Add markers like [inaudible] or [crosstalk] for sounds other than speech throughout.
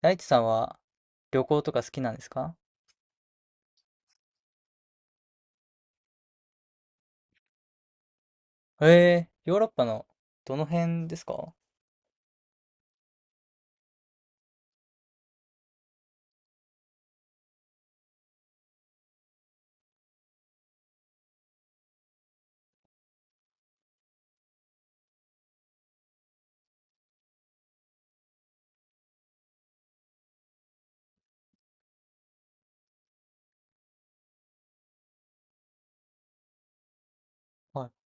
大地さんは旅行とか好きなんですか？ええ、ヨーロッパのどの辺ですか？はい。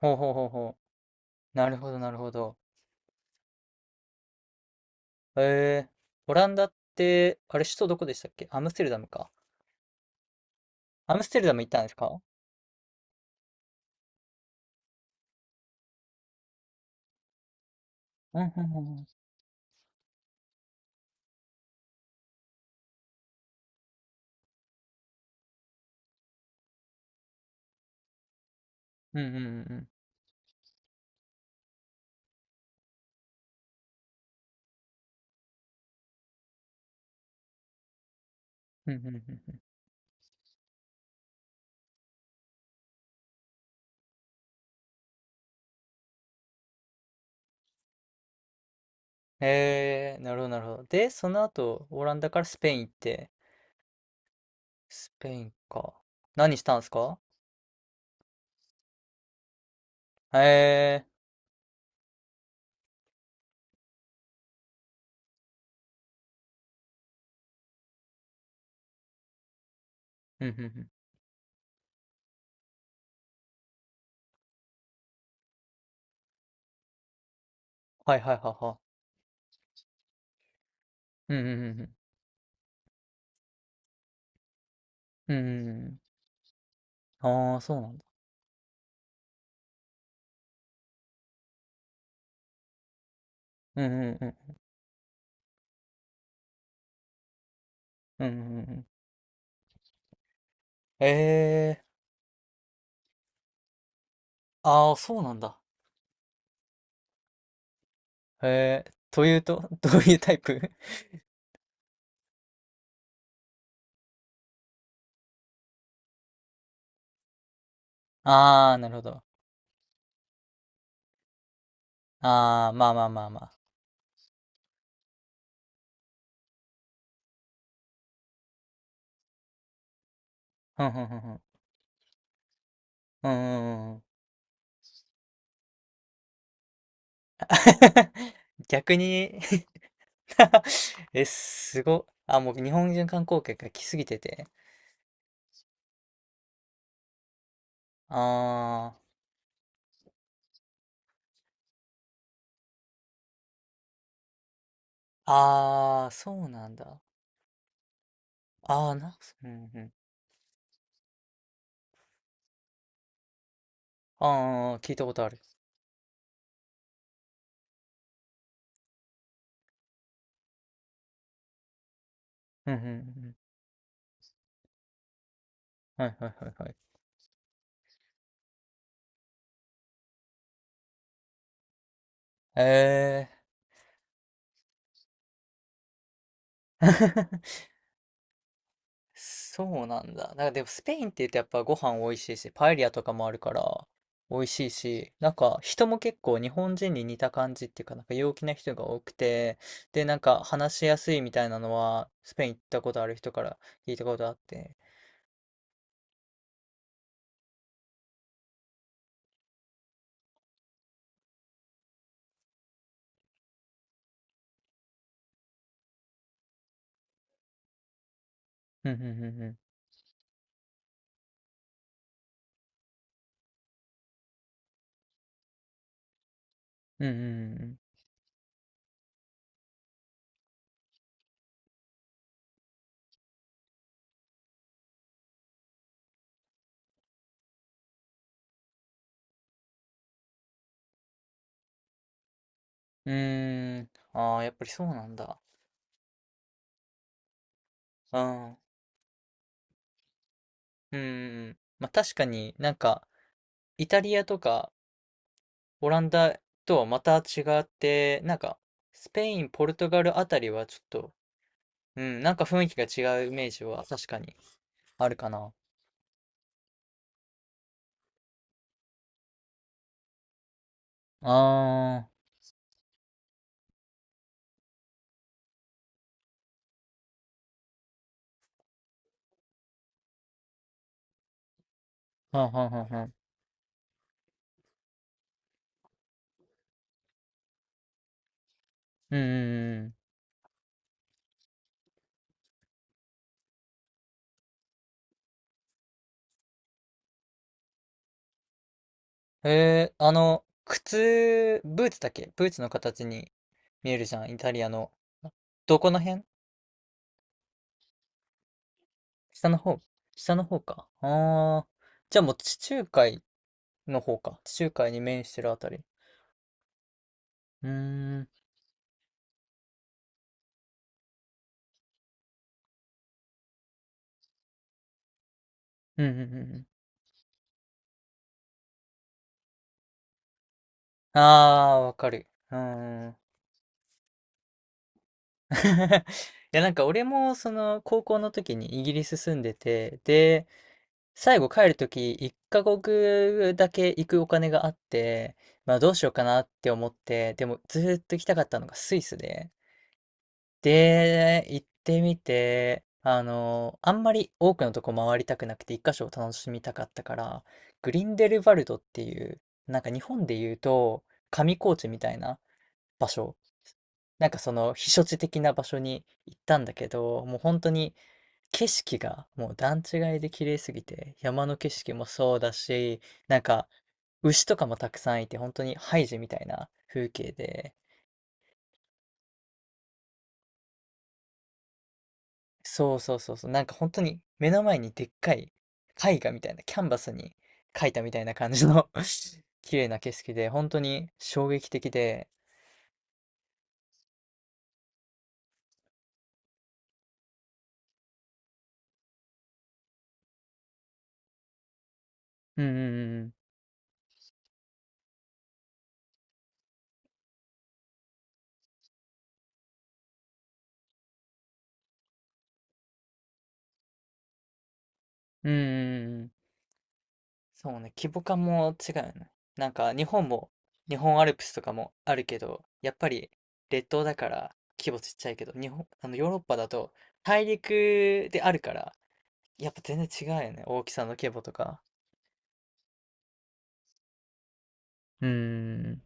ほうほうほうほう。なるほど、なるほど。ええ、オランダって、あれ、首都どこでしたっけ？アムステルダムか。アムステルダム行ったんですか？うんうんうんうん。うんうんうんうん。うんうんうんうん。ええ、なるほど、なるほど。で、その後、オランダからスペイン行って、スペインか。何したんですか？ええ。うんうんうん。はいはいはいはい。うんうんうんうん。うんうんうん。ああ、そうなんだ。うんうんうんうん。うんうん。えー、ああ、そうなんだ。えー、というと、[laughs] どういうタイプ？ [laughs] ああ、なるほど。ああ、まあまあまあまあ。ふんふんふんふん。うんうんうん。[laughs] 逆に？ [laughs] え、すご。あ、もう日本人観光客が来すぎてて。ああ、ああ、そうなんだ。ああ、うんうん。ああ、聞いたことある。うんうんうんうん。はいはいはいはい。ええ [laughs] ー。そうなんだ。なんかでもスペインって言うとやっぱご飯美味しいし、パエリアとかもあるから美味しいし、なんか人も結構日本人に似た感じっていうか、なんか陽気な人が多くて、で、なんか話しやすいみたいなのはスペイン行ったことある人から聞いたことあって。うんうんうんうん。うんうんうん。うーん。ああ、やっぱりそうなんだ。うん。うんうんうん。まあ確かになんかイタリアとかオランダとはまた違って、なんか、スペイン、ポルトガルあたりはちょっと、うん、なんか雰囲気が違うイメージは確かにあるかな。あー、はんはんはんはん。うんうんうん。えー、靴、ブーツだっけ？ブーツの形に見えるじゃん、イタリアの。どこの辺？下の方？下の方か。あー、じゃあもう地中海の方か。地中海に面してるあたり。うーん、うんうんうんうん。あー、わかる。うんうん。 [laughs] いや、なんか俺もその高校の時にイギリス住んでて、で、最後帰る時1カ国だけ行くお金があって、まあどうしようかなって思って、でもずっと行きたかったのがスイスで、で、行ってみて、あんまり多くのとこ回りたくなくて1箇所を楽しみたかったから、グリンデルバルドっていう、なんか日本で言うと上高地みたいな場所。なんかその避暑地的な場所に行ったんだけど、もう本当に景色がもう段違いで綺麗すぎて、山の景色もそうだし、なんか牛とかもたくさんいて、本当にハイジみたいな風景で、そうそうそうそう、なんか本当に目の前にでっかい絵画みたいな、キャンバスに描いたみたいな感じの [laughs] 綺麗な景色で、本当に衝撃的で、うんうんうんうん、うんうんうんうん。そうね、規模感も違うよね。なんか日本も、日本アルプスとかもあるけど、やっぱり列島だから規模ちっちゃいけど、日本、あのヨーロッパだと大陸であるから、やっぱ全然違うよね、大きさの規模とか。うーん。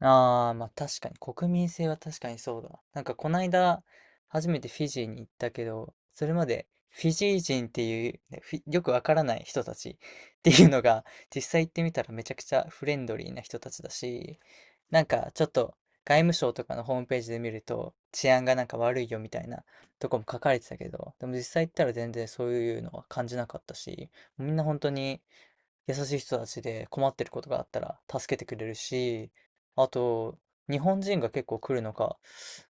ああ、まあ確かに、国民性は確かにそうだ。なんかこないだ、初めてフィジーに行ったけど、それまでフィジー人っていう、ね、よくわからない人たち [laughs] っていうのが、実際行ってみたらめちゃくちゃフレンドリーな人たちだし、なんかちょっと外務省とかのホームページで見ると、治安がなんか悪いよみたいなとこも書かれてたけど、でも実際行ったら全然そういうのは感じなかったし、みんな本当に優しい人たちで困ってることがあったら助けてくれるし、あと、日本人が結構来るのか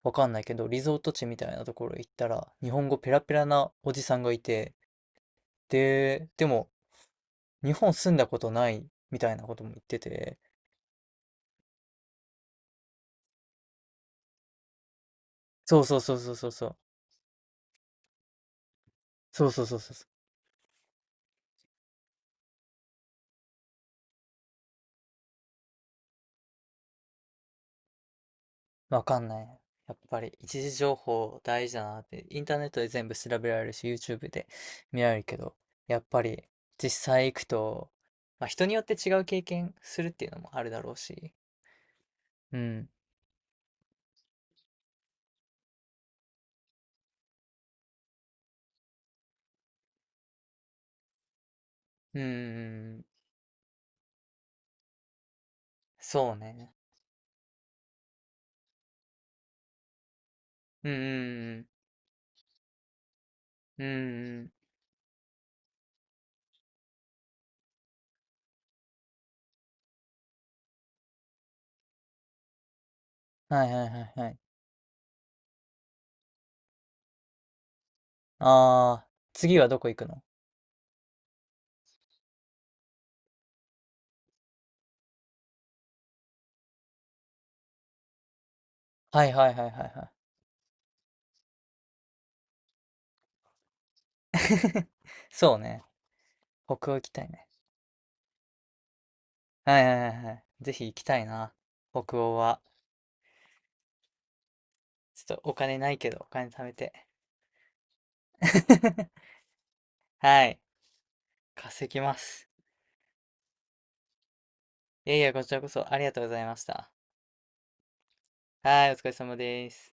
わかんないけど、リゾート地みたいなところ行ったら、日本語ペラペラなおじさんがいて、で、でも、日本住んだことないみたいなことも言ってて、そうそうそうそうそうそう、そうそうそうそう。わかんない。やっぱり一時情報大事だなって、インターネットで全部調べられるし、YouTube で見られるけど、やっぱり実際行くと、まあ、人によって違う経験するっていうのもあるだろうし、うん、うーん、そうね。うん、うん、うんうん、うんうん、はいはいはいはい。あー、次はどこ行くの？はいはいはいはいはい。[laughs] そうね。北欧行きたいね。はいはいはいはい。ぜひ行きたいな。北欧は。ちょっとお金ないけど、お金貯めて。[laughs] はい。稼ぎます。いやいや、こちらこそありがとうございました。はい、お疲れ様です。